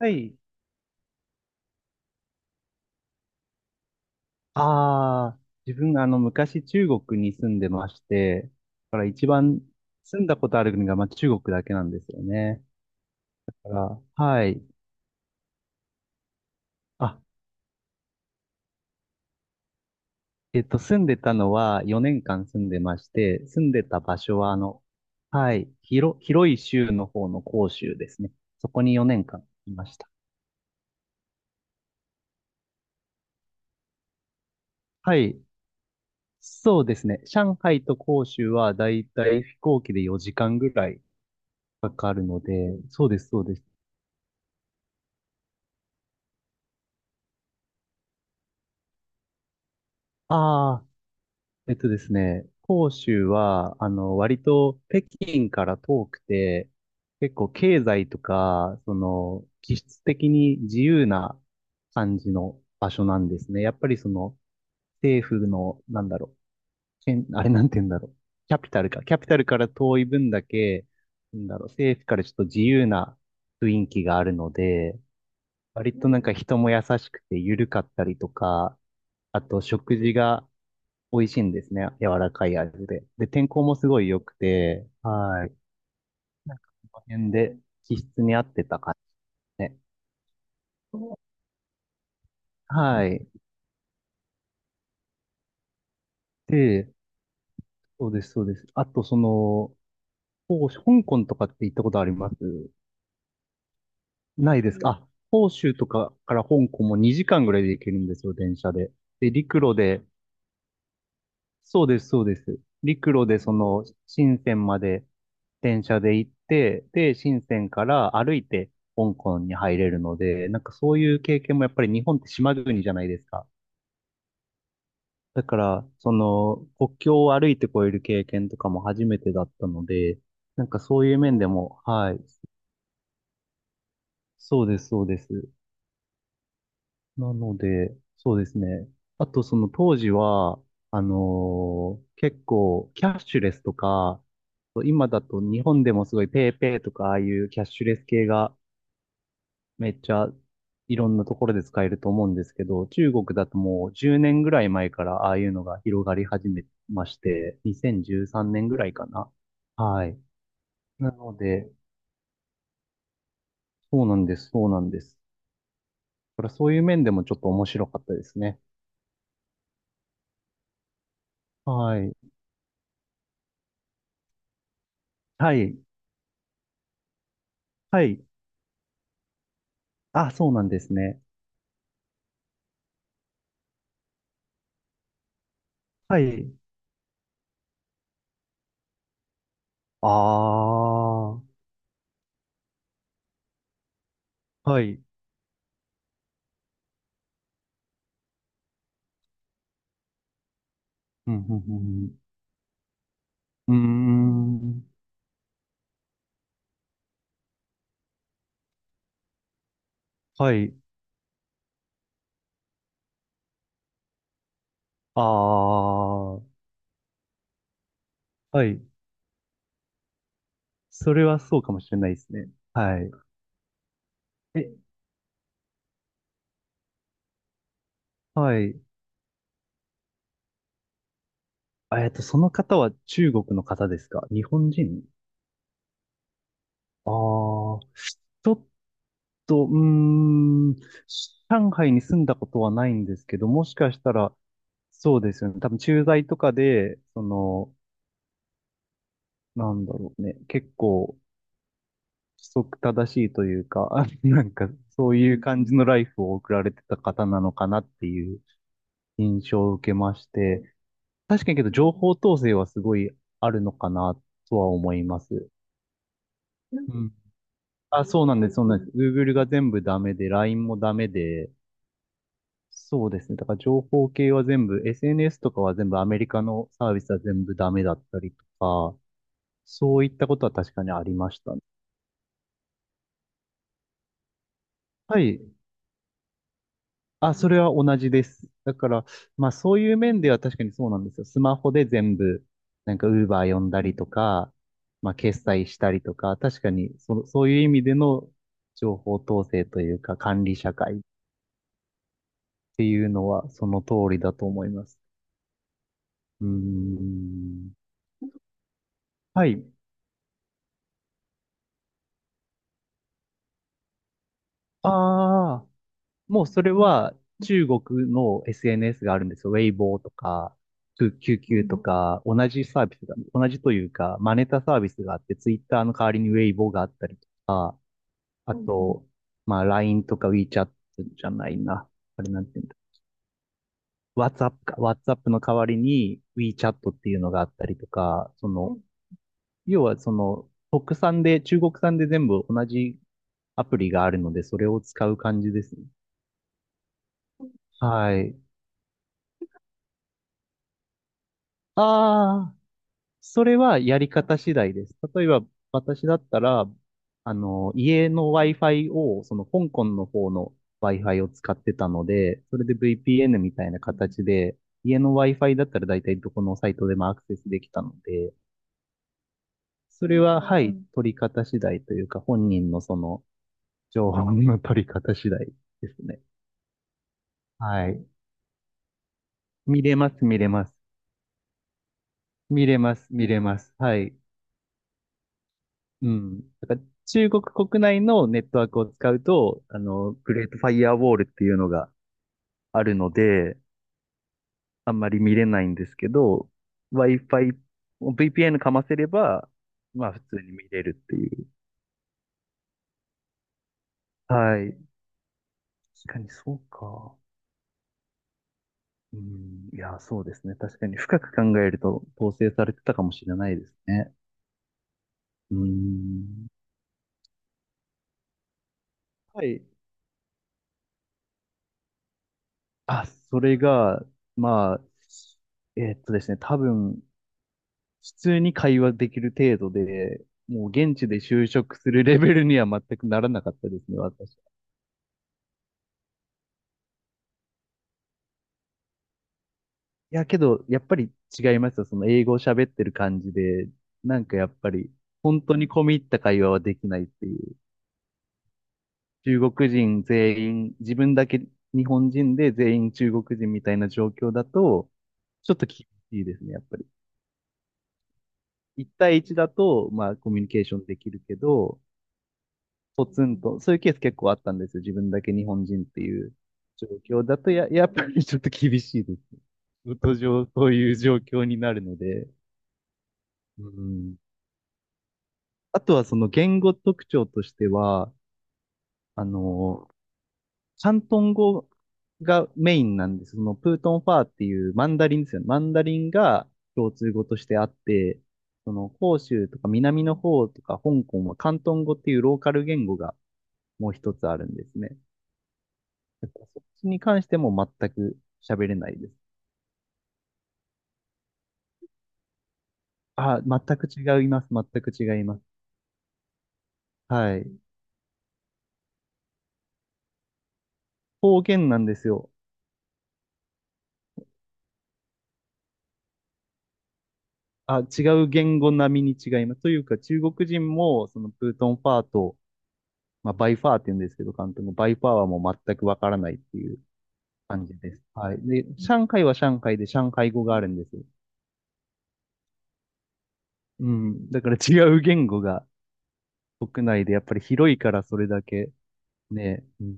はい。ああ、自分が昔中国に住んでまして、だから一番住んだことある国がまあ中国だけなんですよね。だから、はい。あ、住んでたのは4年間住んでまして、住んでた場所ははい、広い州の方の広州ですね。そこに4年間いました。はい。そうですね。上海と広州はだいたい飛行機で4時間ぐらいかかるので、そうです、そうです。ああ、えっとですね、広州は、割と北京から遠くて、結構経済とか、気質的に自由な感じの場所なんですね。やっぱり政府の、けんあれなんて言うんだろう、キャピタルか。キャピタルから遠い分だけ、政府からちょっと自由な雰囲気があるので、割となんか人も優しくて緩かったりとか、あと食事が、美味しいんですね。柔らかい味で。で、天候もすごい良くて、はい。なんか、この辺で気質に合ってた感じですね。はい。で、そうです、そうです。あと、香港とかって行ったことありますないですかあ、広州とかから香港も2時間ぐらいで行けるんですよ、電車で。で、陸路でそうです、そうです。陸路で深センまで電車で行って、で、深センから歩いて香港に入れるので、なんかそういう経験もやっぱり日本って島国じゃないですか。だから、国境を歩いて越える経験とかも初めてだったので、なんかそういう面でも、はい、そうです、そうです。なので、そうですね。あと、その当時は、結構、キャッシュレスとか、今だと日本でもすごいペイペイとか、ああいうキャッシュレス系がめっちゃいろんなところで使えると思うんですけど、中国だともう10年ぐらい前からああいうのが広がり始めまして、2013年ぐらいかな。はい。なので、そうなんです、そうなんです。だからそういう面でもちょっと面白かったですね。はい。はい。はい。あ、そうなんですね。はい。ああ、はい。うん、うん、うん。うーん。はい。ああ、はい。それはそうかもしれないですね。はい。え、はい。あその方は中国の方ですか？日本人？ああー、ちょっと、うーん、上海に住んだことはないんですけど、もしかしたら、そうですよね。多分駐在とかで、結構、規則正しいというか、あなんかそういう感じのライフを送られてた方なのかなっていう印象を受けまして、確かにけど情報統制はすごいあるのかなとは思います。うん。あ、そうなんです、そうなんです。Google が全部ダメで、LINE もダメで、そうですね。だから情報系は全部、SNS とかは全部アメリカのサービスは全部ダメだったりとか、そういったことは確かにありましたね。はい、あ、それは同じです。だから、まあそういう面では確かにそうなんですよ。スマホで全部、なんか Uber 呼んだりとか、まあ決済したりとか、確かにそ、そういう意味での情報統制というか管理社会っていうのはその通りだと思います。うーん。はい。ああ。もうそれは中国の SNS があるんですよ。ウェイボーとか、きゅう QQ とか、同じサービスが、同じというか、真似たサービスがあって、ツイッターの代わりにウェイボーがあったりとか、あと、まあ LINE とか WeChat じゃないな。あれなんて言うんだ。WhatsApp か。WhatsApp の代わりに WeChat っていうのがあったりとか、要は国産で、中国産で全部同じアプリがあるので、それを使う感じですね。はい。ああ。それはやり方次第です。例えば、私だったら、あの、家の Wi-Fi を、その香港の方の Wi-Fi を使ってたので、それで VPN みたいな形で、家の Wi-Fi だったら大体どこのサイトでもアクセスできたので、それは、はうい、ん取り方次第というか、本人の情報の取り方次第ですね。はい。見れます、見れます。見れます、見れます。はい。うん。だから中国国内のネットワークを使うと、あの、グレートファイアウォールっていうのがあるので、あんまり見れないんですけど、Wi-Fi、VPN かませれば、まあ普通に見れるっていう。はい。確かにそうか。うん。いや、そうですね。確かに深く考えると統制されてたかもしれないですね。うん。はい。あ、それが、まあ、ですね、多分、普通に会話できる程度で、もう現地で就職するレベルには全くならなかったですね、私。いや、けど、やっぱり違いますよ。その英語を喋ってる感じで、なんかやっぱり、本当に込み入った会話はできないっていう。中国人全員、自分だけ日本人で全員中国人みたいな状況だと、ちょっと厳しいですね、やっぱり。一対一だと、まあ、コミュニケーションできるけど、ポツンと、そういうケース結構あったんですよ。自分だけ日本人っていう状況だとやっぱりちょっと厳しいです。仕事上、そういう状況になるので。うん。あとはその言語特徴としては、あの、広東語がメインなんです。そのプートンファーっていうマンダリンですよね。マンダリンが共通語としてあって、その広州とか南の方とか香港は広東語っていうローカル言語がもう一つあるんですね。だからそっちに関しても全く喋れないです。あ、全く違います。全く違います。はい。方言なんですよ。あ、違う言語並みに違います。というか、中国人も、そのプートンファーと、まあ、バイファーって言うんですけど、関東のバイファーはもう全くわからないっていう感じです。はい。で、上海は上海で上海語があるんですよ。うん。だから違う言語が国内でやっぱり広いからそれだけね、うん、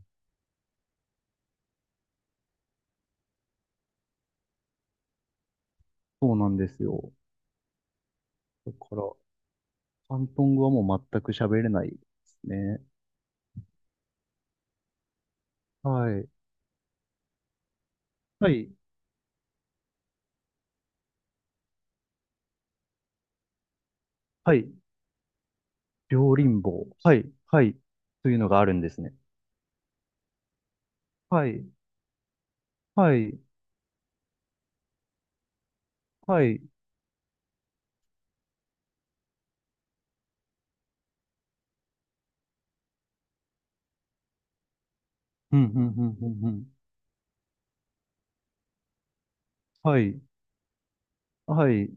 そうなんですよ。だから、広東語はもう全く喋れないですね。はい。はい。はい。両輪棒。はい。はい。というのがあるんですね。はい。はい。はい。うん、うん、うん、うん、うん。はい。はい。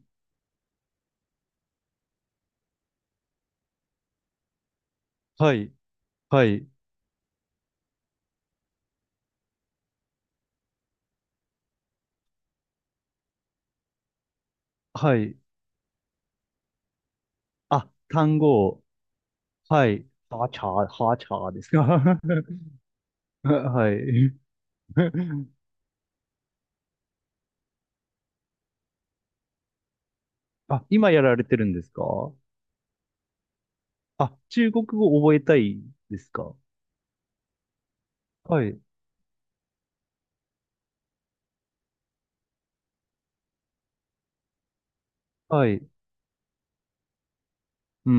はい。はい。はい。あ、単語を。はい。はちゃー、はちゃーですか？はい。あ、今やられてるんですか？あ、中国語覚えたいですか？はい。はい。うーん。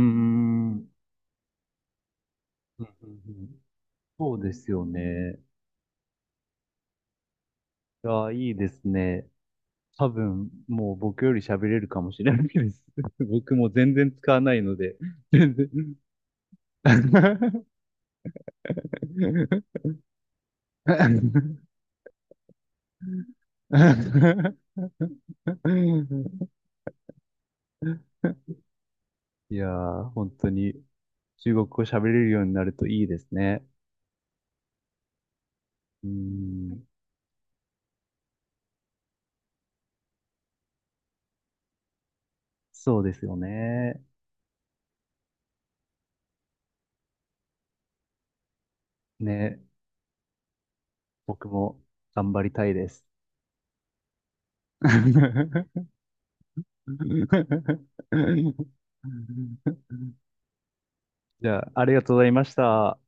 うん、うん、うん。そうですよね。いや、いいですね。多分、もう僕より喋れるかもしれないです。僕も全然使わないので、全然。いやー、本当に中国語喋れるようになるといいですね。うーん、そうですよね。ね、僕も頑張りたいです。じゃあ、ありがとうございました。